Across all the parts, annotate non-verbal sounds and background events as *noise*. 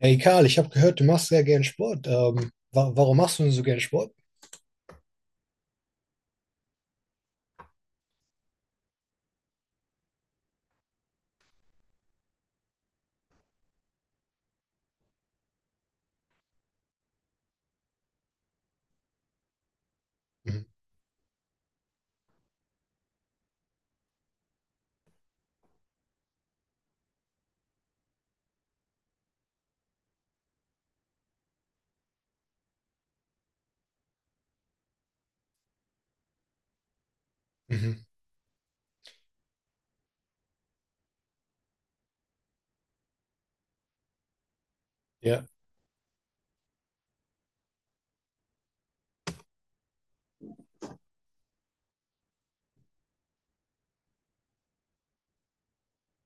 Hey Karl, ich habe gehört, du machst sehr gern Sport. Wa warum machst du denn so gern Sport? Mhm. Mhm. Ja.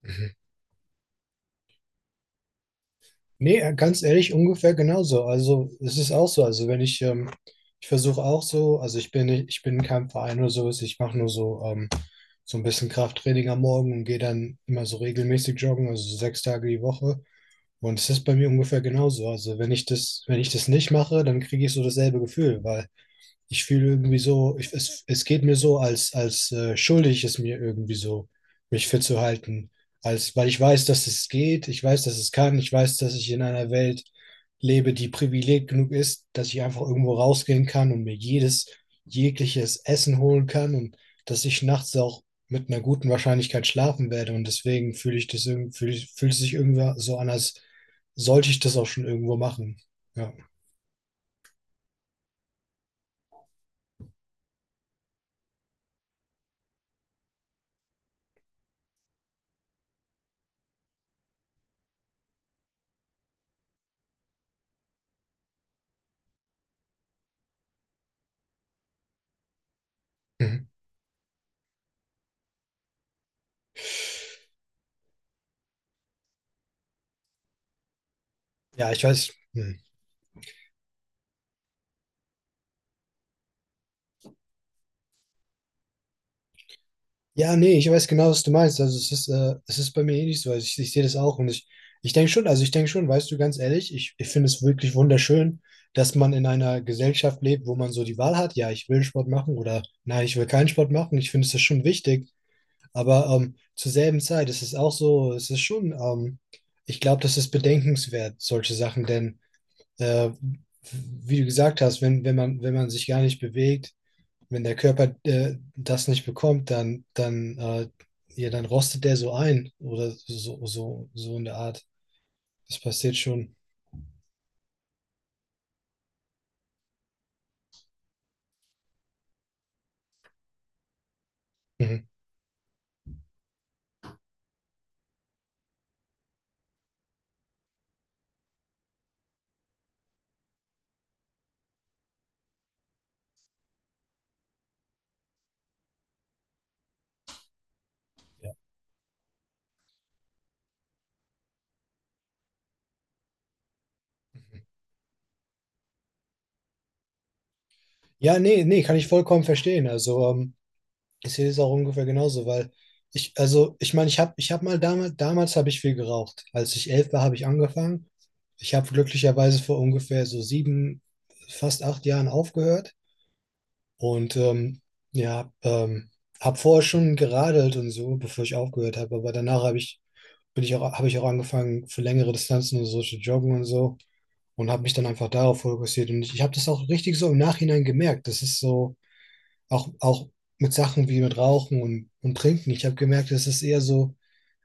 Mhm. Nee, ganz ehrlich, ungefähr genauso. Also es ist auch so. Also wenn ich, ich versuche auch so, also ich bin nicht, ich bin in keinem Verein oder sowas, ich mache nur so, so ein bisschen Krafttraining am Morgen und gehe dann immer so regelmäßig joggen, also so sechs Tage die Woche. Und es ist bei mir ungefähr genauso. Also wenn ich das nicht mache, dann kriege ich so dasselbe Gefühl, weil ich fühle irgendwie so, es geht mir so, als schuldig ist mir irgendwie so, mich fit zu halten. Als, weil ich weiß, dass es geht, ich weiß, dass es kann, ich weiß, dass ich in einer Welt lebe, die privilegiert genug ist, dass ich einfach irgendwo rausgehen kann und mir jegliches Essen holen kann und dass ich nachts auch mit einer guten Wahrscheinlichkeit schlafen werde. Und deswegen fühle ich das irgendwie, fühlt es sich irgendwie so an, als sollte ich das auch schon irgendwo machen. Ja, Mhm. Ja, ich weiß. Hm. Ja, nee, ich weiß genau, was du meinst. Also es ist bei mir ähnlich so. Also ich sehe das auch und ich denke schon, also ich denke schon, weißt du, ganz ehrlich, ich finde es wirklich wunderschön, dass man in einer Gesellschaft lebt, wo man so die Wahl hat, ja, ich will Sport machen oder nein, ich will keinen Sport machen. Ich finde, es ist schon wichtig. Aber zur selben Zeit ist es auch so, es ist schon, ich glaube, das ist bedenkenswert, solche Sachen, denn äh, wie du gesagt hast, wenn man, wenn man sich gar nicht bewegt, wenn der Körper das nicht bekommt, dann, ja, dann rostet der so ein oder so, so in der Art. Das passiert schon. Mhm. Ja. Ja, nee, nee, kann ich vollkommen verstehen. Also, ich sehe das auch ungefähr genauso, weil also, ich meine, ich habe mal damals habe ich viel geraucht. Als ich elf war, habe ich angefangen. Ich habe glücklicherweise vor ungefähr so sieben, fast acht Jahren aufgehört. Und ja, habe vorher schon geradelt und so, bevor ich aufgehört habe. Aber danach bin ich auch, habe ich auch angefangen, für längere Distanzen und so zu joggen und so. Und habe mich dann einfach darauf fokussiert. Und ich habe das auch richtig so im Nachhinein gemerkt. Das ist so, auch mit Sachen wie mit Rauchen und Trinken. Ich habe gemerkt, es ist eher so,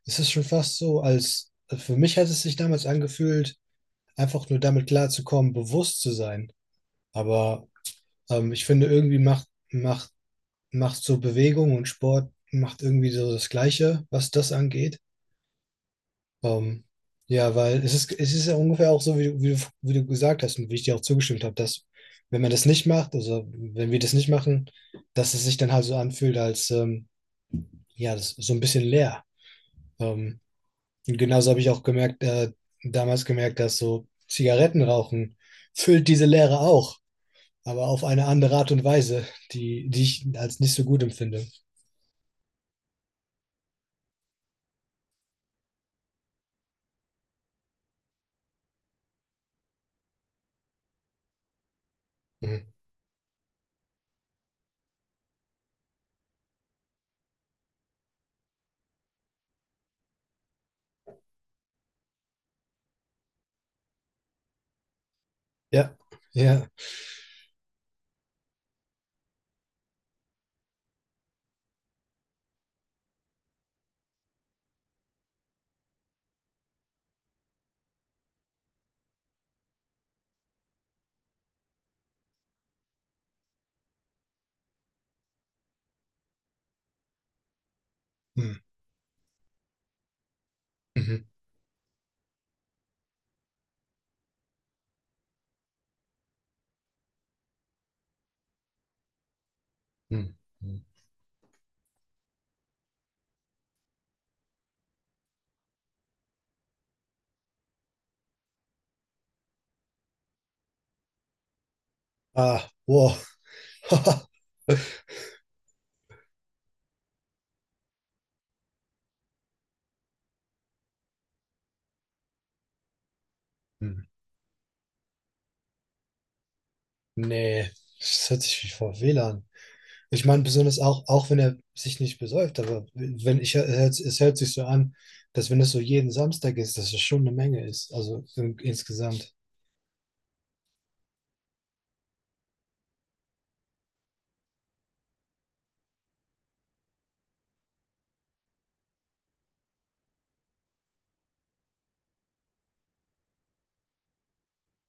es ist schon fast so, als für mich hat es sich damals angefühlt, einfach nur damit klarzukommen, bewusst zu sein. Aber ich finde, irgendwie macht so Bewegung, und Sport macht irgendwie so das Gleiche, was das angeht. Ähm, ja, weil es ist ja ungefähr auch so, wie du gesagt hast und wie ich dir auch zugestimmt habe, dass wenn man das nicht macht, also wenn wir das nicht machen, dass es sich dann halt so anfühlt, als ja, das ist so ein bisschen leer. Ähm, und genauso habe ich auch gemerkt, damals gemerkt, dass so Zigarettenrauchen füllt diese Leere auch, aber auf eine andere Art und Weise, die ich als nicht so gut empfinde. Mhm. Ja, ja. Mhm. Mhm. Mhm. Mhm. Ah, wow. *laughs* Mhm. Nee, das hört sich wie vor WLAN. Ich meine, besonders auch, auch wenn er sich nicht besäuft, aber wenn ich, es hört sich so an, dass wenn es so jeden Samstag ist, dass es schon eine Menge ist. Also in, insgesamt.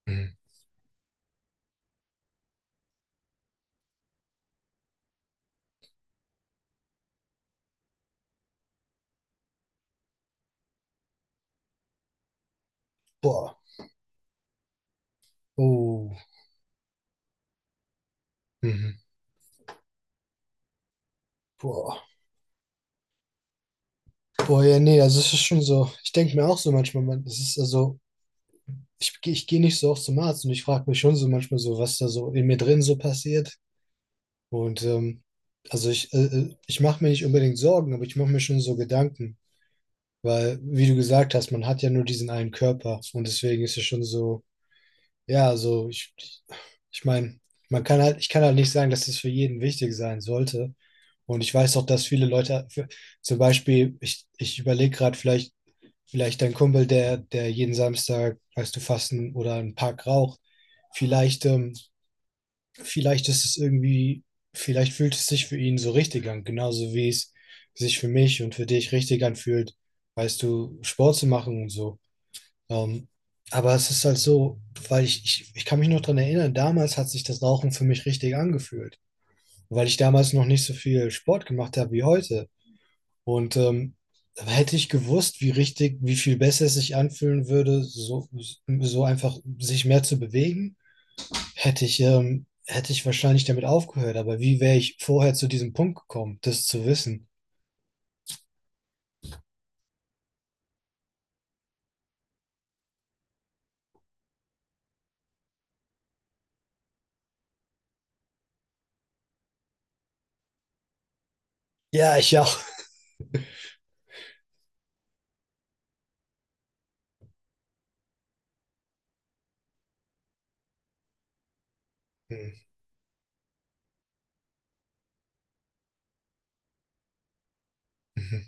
Mhm. Boah. Oh. Mhm. Boah. Boah, ja, nee, also es ist schon so. Ich denke mir auch so manchmal, man, es ist also, ich gehe nicht so oft zum Arzt und ich frage mich schon so manchmal so, was da so in mir drin so passiert. Und also ich mache mir nicht unbedingt Sorgen, aber ich mache mir schon so Gedanken, weil, wie du gesagt hast, man hat ja nur diesen einen Körper, und deswegen ist es schon so, ja, so ich meine, man kann halt, ich kann halt nicht sagen, dass es für jeden wichtig sein sollte. Und ich weiß auch, dass viele Leute, für, zum Beispiel, ich überlege gerade vielleicht, vielleicht dein Kumpel, der jeden Samstag, weißt du, fasten oder einen Pack raucht, vielleicht vielleicht ist es irgendwie, vielleicht fühlt es sich für ihn so richtig an, genauso wie es sich für mich und für dich richtig anfühlt, weißt du, Sport zu machen und so. Ähm, aber es ist halt so, weil ich kann mich noch dran erinnern, damals hat sich das Rauchen für mich richtig angefühlt, weil ich damals noch nicht so viel Sport gemacht habe wie heute. Und hätte ich gewusst, wie viel besser es sich anfühlen würde, so, so einfach sich mehr zu bewegen, hätte ich wahrscheinlich damit aufgehört, aber wie wäre ich vorher zu diesem Punkt gekommen, das zu wissen? Ja, ich auch. Hm, *laughs* mhm,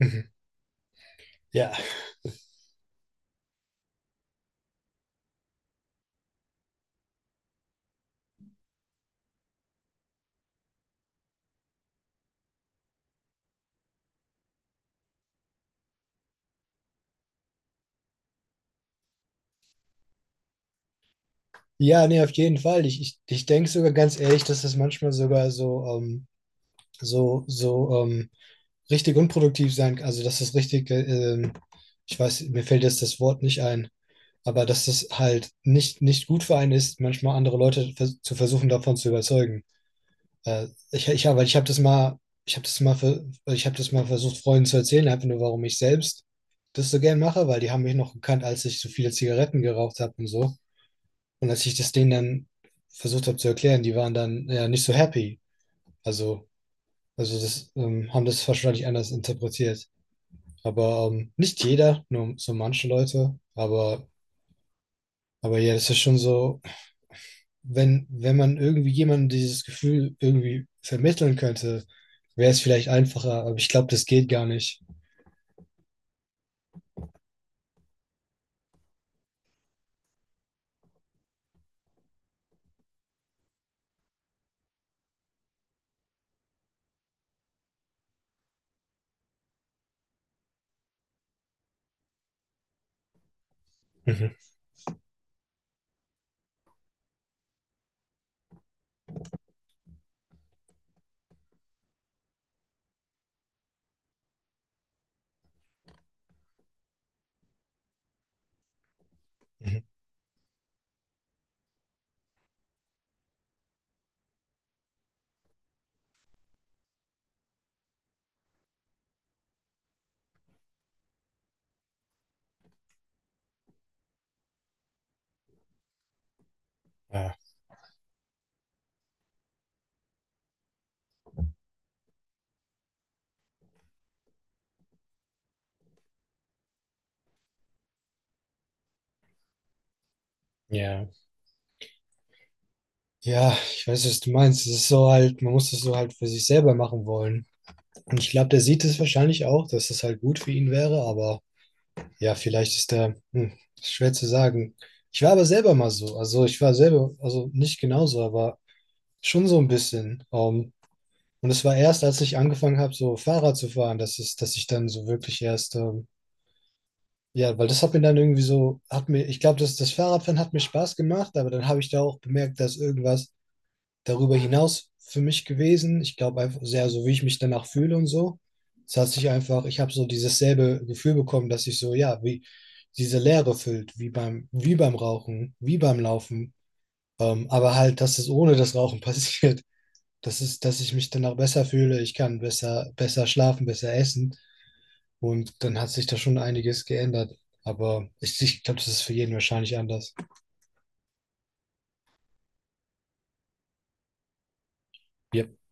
mhm. Ja. Ja, nee, auf jeden Fall. Ich denke sogar ganz ehrlich, dass das manchmal sogar so, so richtig unproduktiv sein kann. Also, dass das richtig, ich weiß, mir fällt jetzt das Wort nicht ein, aber dass das halt nicht gut für einen ist, manchmal andere Leute vers zu versuchen, davon zu überzeugen. Ich, ich, habe weil ich habe das mal, ich habe das mal versucht, Freunden zu erzählen, einfach nur, warum ich selbst das so gern mache, weil die haben mich noch gekannt, als ich so viele Zigaretten geraucht habe und so. Und als ich das denen dann versucht habe zu erklären, die waren dann ja nicht so happy. Also, also das haben das wahrscheinlich anders interpretiert. Aber nicht jeder, nur so manche Leute. Aber ja, das ist schon so. Wenn man irgendwie jemandem dieses Gefühl irgendwie vermitteln könnte, wäre es vielleicht einfacher, aber ich glaube, das geht gar nicht. Mhm. Mhm. Ah, ja. Ja, ich weiß, was du meinst. Es ist so halt, man muss das so halt für sich selber machen wollen. Und ich glaube, der sieht es wahrscheinlich auch, dass das halt gut für ihn wäre, aber ja, vielleicht ist der, hm, ist schwer zu sagen. Ich war aber selber mal so. Also ich war selber, also nicht genauso, aber schon so ein bisschen. Und es war erst, als ich angefangen habe, so Fahrrad zu fahren, dass ich dann so wirklich erst, ja, weil das hat mir dann irgendwie so, hat mir, ich glaube, das Fahrradfahren hat mir Spaß gemacht, aber dann habe ich da auch bemerkt, dass irgendwas darüber hinaus für mich gewesen. Ich glaube einfach sehr, so wie ich mich danach fühle und so. Es hat sich einfach, ich habe so dieses selbe Gefühl bekommen, dass ich so, ja, wie diese Leere füllt, wie beim Rauchen, wie beim Laufen. Aber halt, dass es ohne das Rauchen *laughs* passiert, das ist, dass ich mich danach besser fühle, ich kann besser schlafen, besser essen. Und dann hat sich da schon einiges geändert. Aber ich glaube, das ist für jeden wahrscheinlich anders. Wie,